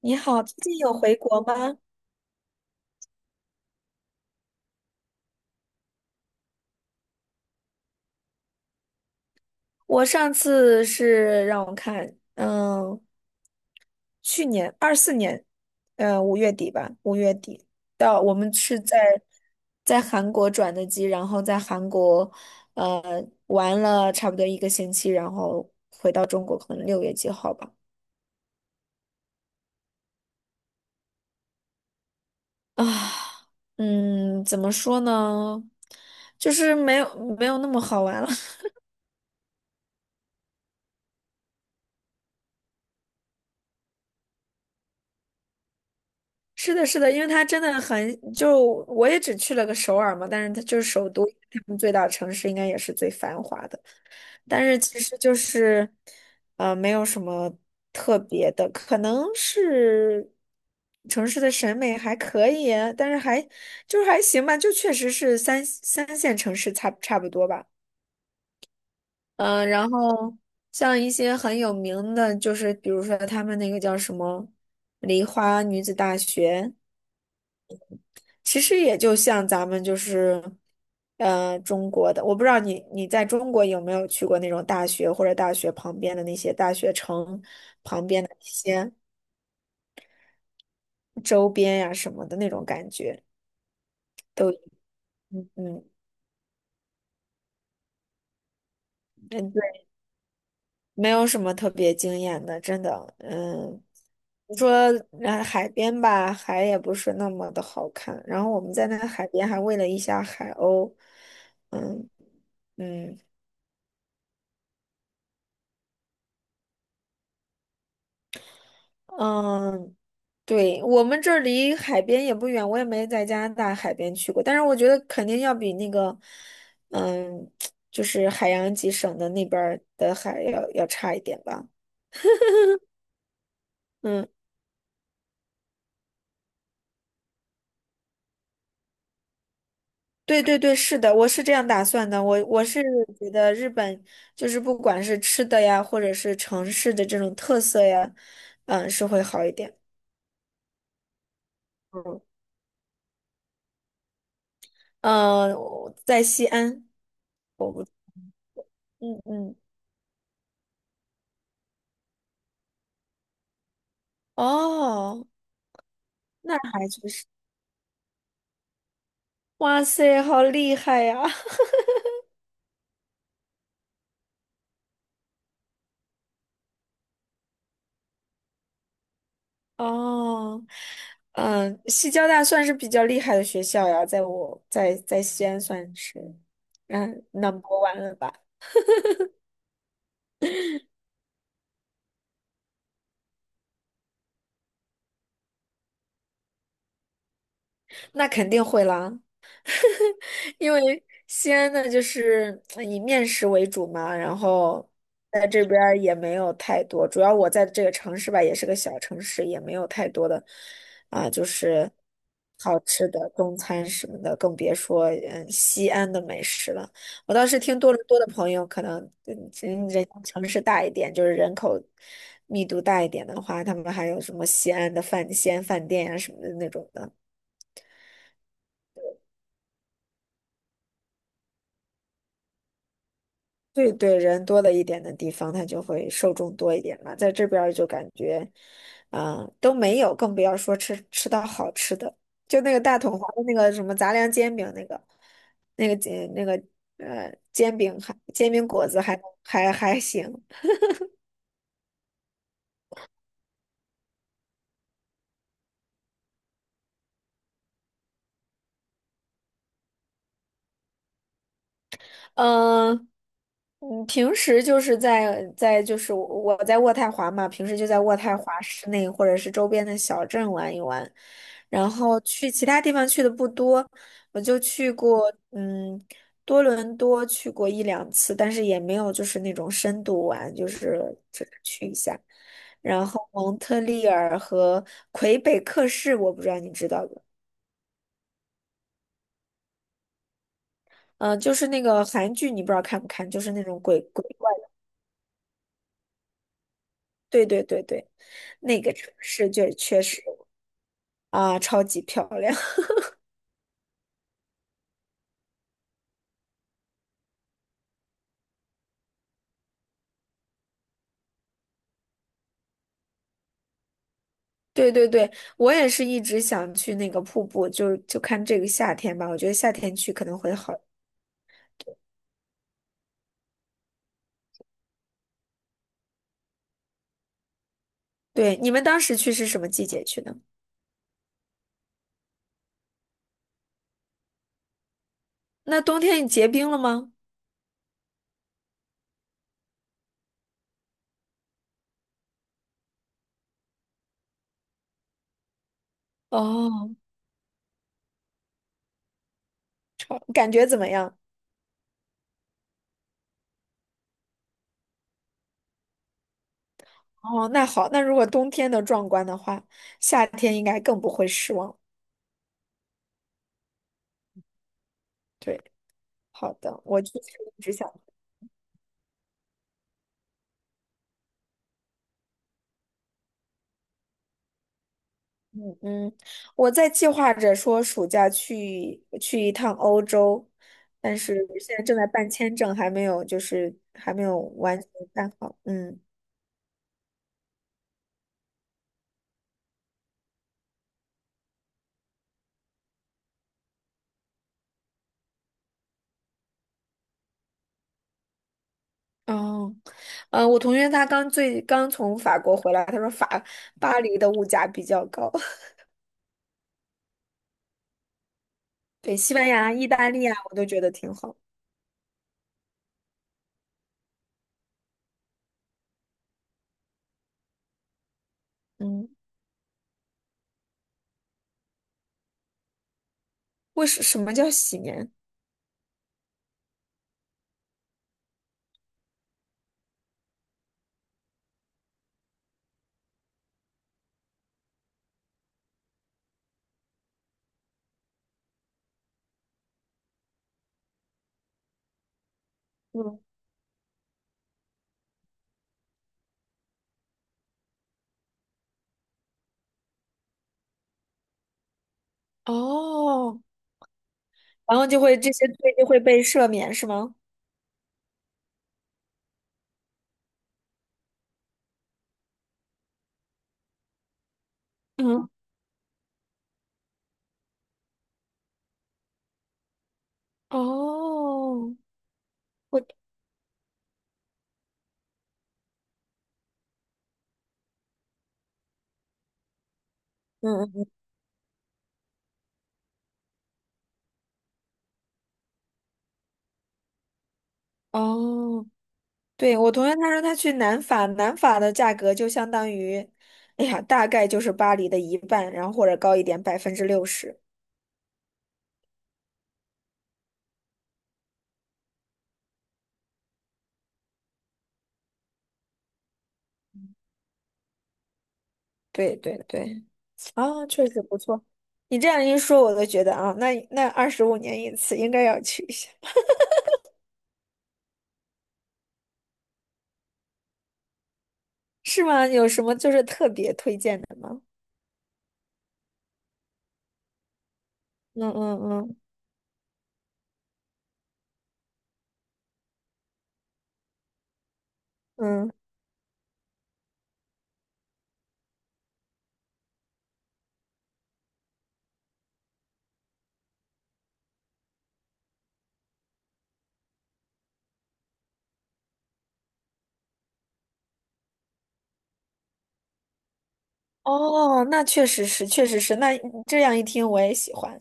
你好，最近有回国吗？我上次是让我看，去年24年，五月底吧，五月底到我们是在韩国转的机，然后在韩国呃玩了差不多一个星期，然后回到中国，可能6月几号吧。啊，怎么说呢？就是没有那么好玩了。是的，是的，因为它真的很，就我也只去了个首尔嘛，但是它就是首都，他们最大城市应该也是最繁华的，但是其实就是，没有什么特别的，可能是城市的审美还可以啊，但是还就是还行吧，就确实是三线城市差不多吧，然后像一些很有名的，就是比如说他们那个叫什么梨花女子大学。其实也就像咱们就是，中国的，我不知道你在中国有没有去过那种大学或者大学旁边的那些大学城旁边的一些周边呀、什么的那种感觉，都嗯嗯嗯，对，没有什么特别惊艳的，真的，嗯，你说海边吧，海也不是那么的好看，然后我们在那个海边还喂了一下海鸥，嗯嗯。嗯，对，我们这儿离海边也不远，我也没在加拿大海边去过，但是我觉得肯定要比那个，嗯，就是海洋几省的那边儿的海要差一点吧。嗯，对对对，是的，我是这样打算的。我是觉得日本就是不管是吃的呀，或者是城市的这种特色呀，是会好一点。嗯嗯，我在西安。嗯嗯，哦，那还确实。哇塞，好厉害呀！哦，嗯，西交大算是比较厉害的学校呀，在我在在西安算是，嗯，number one 了吧？那肯定会啦。因为西安呢，就是以面食为主嘛，然后在这边儿也没有太多，主要我在这个城市吧，也是个小城市，也没有太多的啊，就是好吃的中餐什么的，更别说西安的美食了。我倒是听多伦多的朋友，可能人家城市大一点，就是人口密度大一点的话，他们还有什么西安饭店呀、什么的那种的。对对，人多的一点的地方，它就会受众多一点嘛。在这边儿就感觉，啊、都没有，更不要说吃到好吃的。就那个大统华的那个什么杂粮煎饼，那个煎饼果子还行。嗯，平时就是在就是我在渥太华嘛，平时就在渥太华市内或者是周边的小镇玩一玩，然后去其他地方去的不多，我就去过多伦多去过一两次，但是也没有就是那种深度玩，就是只是去一下，然后蒙特利尔和魁北克市，我不知道你知道不？嗯，就是那个韩剧，你不知道看不看？就是那种鬼怪的，对对对对。那个城市就确实啊，超级漂亮。对对对，我也是一直想去那个瀑布，就看这个夏天吧。我觉得夏天去可能会好。对，你们当时去是什么季节去的？那冬天结冰了吗？哦，感觉怎么样？哦，那好，那如果冬天的壮观的话，夏天应该更不会失望。对，好的，我就是一直想。嗯，嗯，我在计划着说暑假去一趟欧洲，但是现在正在办签证，还没有就是还没有完全办好。嗯，哦，嗯，我同学他刚从法国回来，他说巴黎的物价比较高，对，西班牙、意大利啊，我都觉得挺好。嗯，为什么叫洗年？嗯，哦，然后就会这些罪就会被赦免是吗？嗯，哦。我。嗯。哦，对，我同学他说他去南法，南法的价格就相当于，哎呀，大概就是巴黎的一半，然后或者高一点，60%。对对对，啊，确实不错。你这样一说，我都觉得啊，那25年一次应该要去一下，是吗？有什么就是特别推荐的吗？嗯嗯嗯嗯，哦，那确实是，确实是，那这样一听我也喜欢。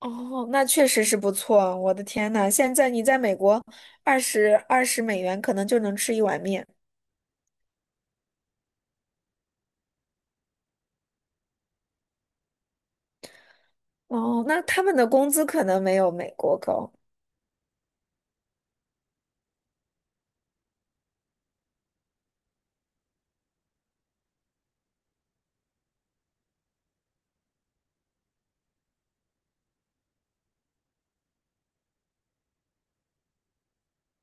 哦，那确实是不错。我的天呐，现在你在美国，二十美元可能就能吃一碗面。哦，那他们的工资可能没有美国高。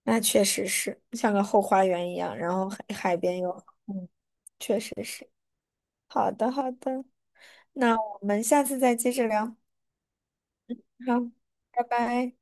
那确实是像个后花园一样，然后海边有，嗯，确实是。好的，好的，那我们下次再接着聊。好，拜拜。